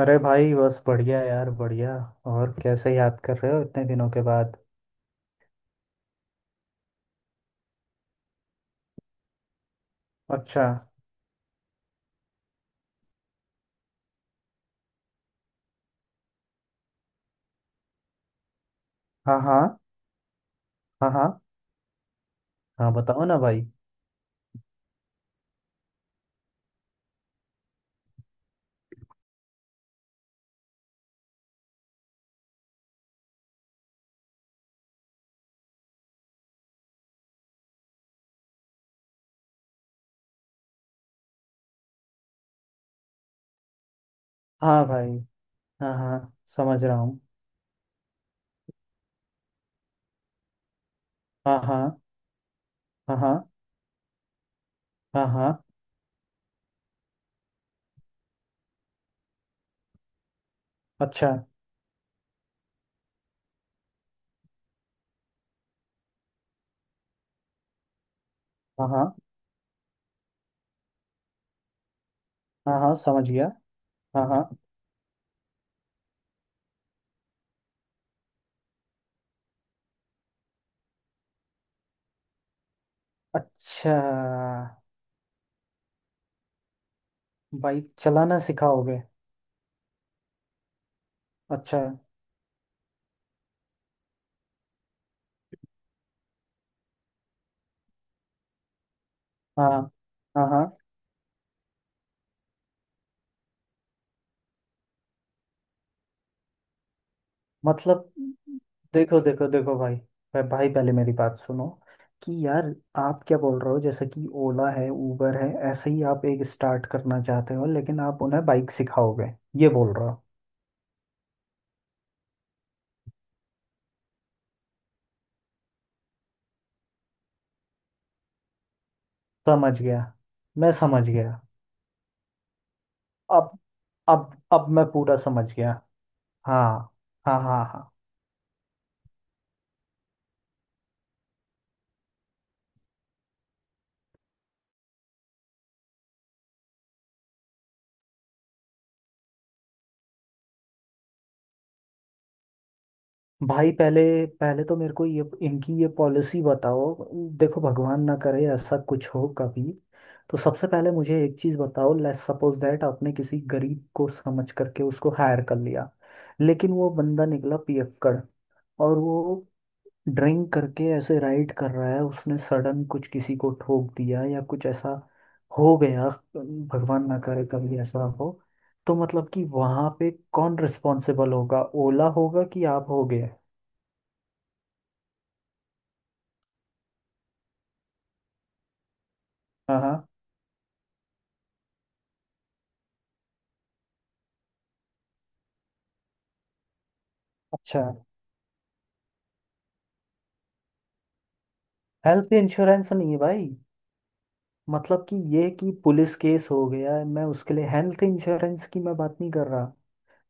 अरे भाई, बस बढ़िया यार, बढ़िया। और कैसे याद कर रहे हो इतने दिनों के बाद। अच्छा। हाँ हाँ। हाँ हाँ। हाँ बताओ ना भाई। हाँ भाई। हाँ हाँ, समझ रहा हूँ। हाँ हाँ। हाँ हाँ। हाँ हाँ। अच्छा। हाँ हाँ। हाँ हाँ, समझ गया। हाँ हाँ। अच्छा। बाइक चलाना सिखाओगे? अच्छा। हाँ। हाँ हाँ। मतलब देखो देखो देखो भाई। भाई, पहले मेरी बात सुनो कि यार, आप क्या बोल रहे हो? जैसे कि ओला है, उबर है, ऐसे ही आप एक स्टार्ट करना चाहते हो, लेकिन आप उन्हें बाइक सिखाओगे, ये बोल रहे हो? समझ गया, मैं समझ गया। अब अब मैं पूरा समझ गया। हाँ। हाँ हाँ हाँ। भाई, पहले पहले तो मेरे को ये इनकी ये पॉलिसी बताओ। देखो, भगवान ना करे ऐसा कुछ हो कभी। तो सबसे पहले मुझे एक चीज बताओ, लेट्स सपोज दैट आपने किसी गरीब को समझ करके उसको हायर कर लिया, लेकिन वो बंदा निकला पियक्कड़। और वो ड्रिंक करके ऐसे राइड कर रहा है, उसने सडन कुछ किसी को ठोक दिया या कुछ ऐसा हो गया। भगवान ना करे कभी ऐसा हो। तो मतलब कि वहां पे कौन रिस्पॉन्सिबल होगा? ओला होगा कि आप होगे? हाँ हाँ। अच्छा। हेल्थ इंश्योरेंस नहीं है भाई। मतलब कि ये कि पुलिस केस हो गया है, मैं उसके लिए हेल्थ इंश्योरेंस की मैं बात नहीं कर रहा।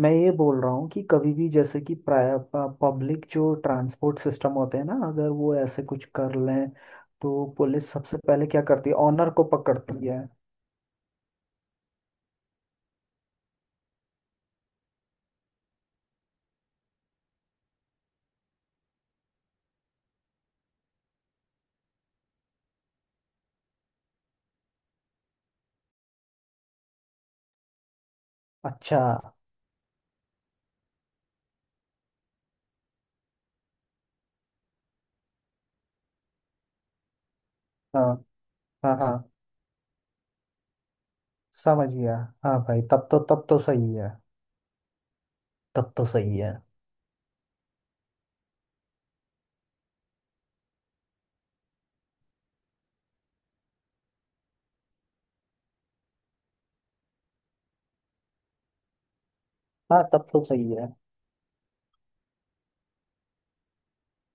मैं ये बोल रहा हूँ कि कभी भी जैसे कि पब्लिक जो ट्रांसपोर्ट सिस्टम होते हैं ना, अगर वो ऐसे कुछ कर लें, तो पुलिस सबसे पहले क्या करती है, ऑनर को पकड़ती है। अच्छा। हाँ हाँ हाँ, समझ गया। हाँ भाई, तब तो सही है। तब तो सही है। हाँ, तब तो सही है।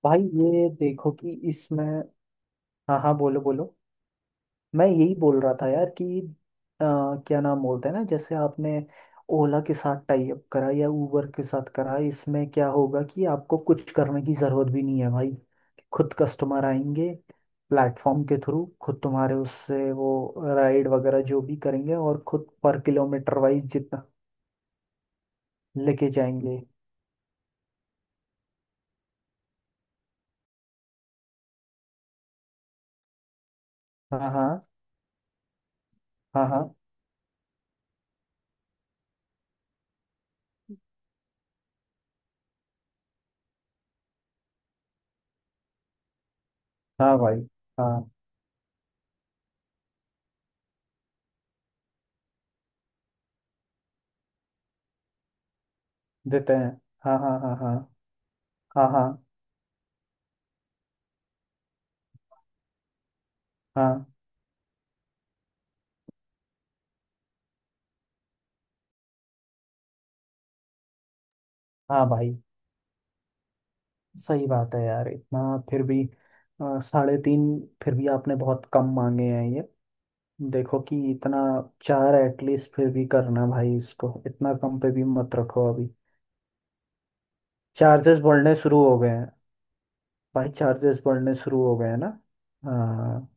भाई, ये देखो कि इसमें। हाँ हाँ, बोलो बोलो। मैं यही बोल रहा था यार कि अ, क्या नाम बोलते हैं ना, जैसे आपने ओला के साथ टाई अप करा या उबर के साथ करा, इसमें क्या होगा कि आपको कुछ करने की जरूरत भी नहीं है भाई। खुद कस्टमर आएंगे। प्लेटफॉर्म के थ्रू खुद तुम्हारे उससे वो राइड वगैरह जो भी करेंगे, और खुद पर किलोमीटर वाइज जितना लेके जाएंगे। हाँ हाँ हाँ हाँ। हाँ भाई। हाँ, देते हैं। हाँ हाँ हाँ हाँ। हाँ हाँ। हाँ हाँ भाई, सही बात है यार, इतना। फिर भी साढ़े तीन? फिर भी आपने बहुत कम मांगे हैं ये। देखो कि इतना, चार एटलीस्ट फिर भी करना भाई, इसको इतना कम पे भी मत रखो अभी। चार्जेस बढ़ने शुरू हो गए हैं भाई, चार्जेस बढ़ने शुरू हो गए हैं ना। हाँ।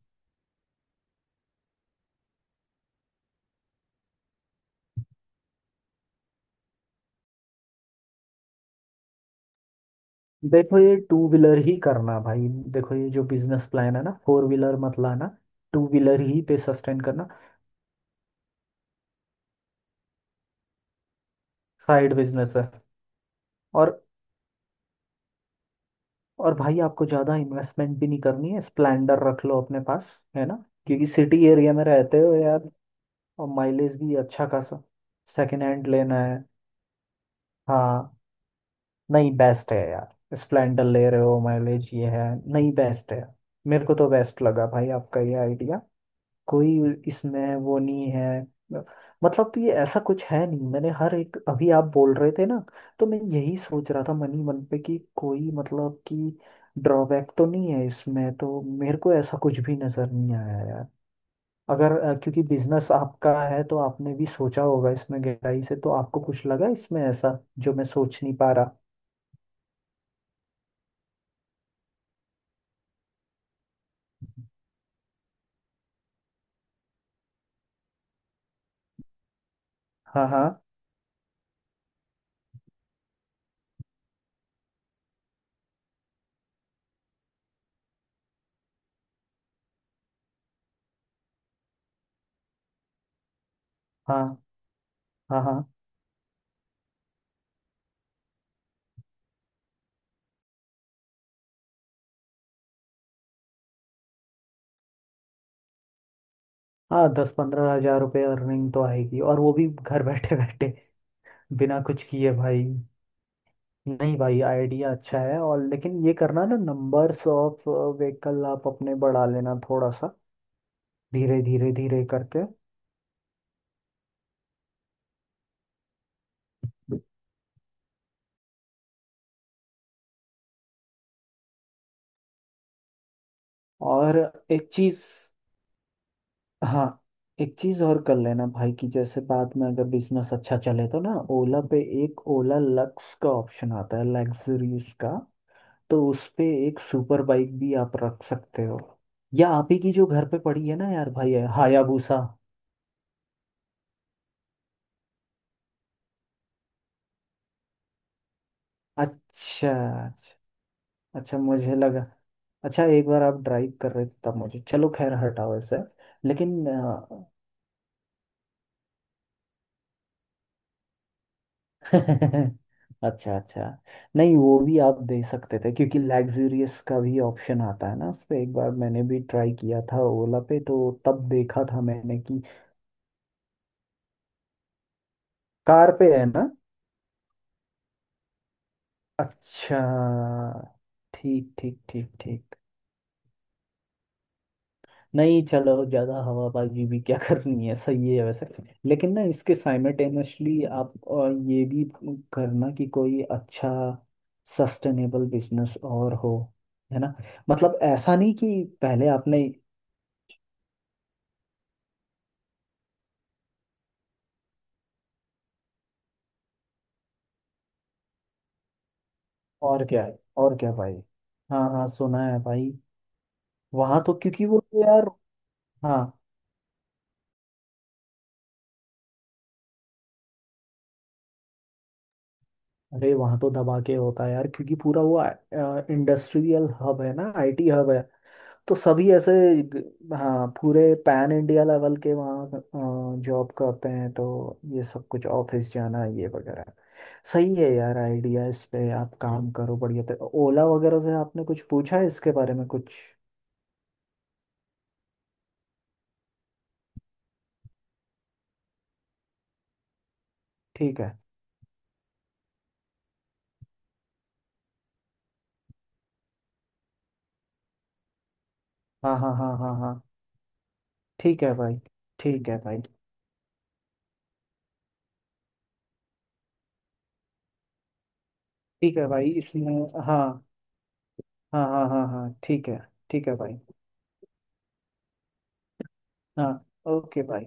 देखो, ये टू व्हीलर ही करना भाई। देखो, ये जो बिजनेस प्लान है ना, फोर व्हीलर मत लाना, टू व्हीलर ही पे सस्टेन करना। साइड बिजनेस है। और और भाई आपको ज़्यादा इन्वेस्टमेंट भी नहीं करनी है, स्प्लेंडर रख लो अपने पास। है ना, क्योंकि सिटी एरिया में रहते हो यार। और माइलेज भी अच्छा खासा। सेकेंड हैंड लेना है। हाँ। नहीं, बेस्ट है यार, स्प्लेंडर ले रहे हो, माइलेज ये है। नहीं, बेस्ट है। मेरे को तो बेस्ट लगा भाई आपका ये आइडिया। कोई, इसमें वो नहीं है, मतलब कि ऐसा कुछ है नहीं। मैंने हर एक, अभी आप बोल रहे थे ना, तो मैं यही सोच रहा था मन ही मन पे कि कोई मतलब कि ड्रॉबैक तो नहीं है इसमें, तो मेरे को ऐसा कुछ भी नजर नहीं आया यार। अगर क्योंकि बिजनेस आपका है तो आपने भी सोचा होगा इसमें गहराई से, तो आपको कुछ लगा इसमें ऐसा जो मैं सोच नहीं पा रहा। हाँ हाँ हाँ। हाँ हाँ हाँ। दस पंद्रह हजार रुपये अर्निंग तो आएगी, और वो भी घर बैठे बैठे, बिना कुछ किए भाई। नहीं भाई, आइडिया अच्छा है। और लेकिन ये करना ना, नंबर्स ऑफ व्हीकल आप अपने बढ़ा लेना थोड़ा सा, धीरे धीरे धीरे करके। और एक चीज। हाँ, एक चीज और कर लेना भाई कि जैसे बाद में अगर बिजनेस अच्छा चले तो ना, ओला पे एक ओला लक्स का ऑप्शन आता है, लग्जरीज का, तो उस पे एक सुपर बाइक भी आप रख सकते हो, या आप ही की जो घर पे पड़ी है ना यार भाई, हायाबुसा। अच्छा। अच्छा, मुझे लगा। अच्छा, एक बार आप ड्राइव कर रहे थे तब मुझे, चलो खैर, हटाओ इसे। लेकिन अच्छा अच्छा। नहीं, वो भी आप दे सकते थे क्योंकि लग्जूरियस का भी ऑप्शन आता है ना, उस पे एक बार मैंने भी ट्राई किया था ओला पे, तो तब देखा था मैंने कि। कार पे है ना? अच्छा। ठीक ठीक ठीक ठीक। नहीं, चलो, ज़्यादा हवाबाजी भी क्या करनी है, सही है वैसे। लेकिन ना, इसके साइमल्टेनियसली आप और ये भी करना कि कोई अच्छा सस्टेनेबल बिजनेस और हो, है ना। मतलब ऐसा नहीं कि पहले आपने। और क्या है, और क्या भाई। हाँ हाँ, सुना है भाई। वहाँ तो क्योंकि वो तो यार। हाँ। अरे, वहाँ तो दबा के होता है यार, क्योंकि पूरा वो इंडस्ट्रियल हब है ना, आईटी हब है, तो सभी ऐसे। हाँ, पूरे पैन इंडिया लेवल के वहाँ जॉब करते हैं, तो ये सब कुछ ऑफिस जाना ये वगैरह। सही है यार, आइडिया इस पे आप काम करो, बढ़िया। तो ओला वगैरह से आपने कुछ पूछा है इसके बारे में कुछ? ठीक है। हाँ हाँ हाँ हाँ हाँ। ठीक है भाई। ठीक है भाई। ठीक है भाई, इसमें। हाँ हाँ हाँ हाँ हाँ, ठीक है। ठीक है भाई। हाँ, ओके भाई।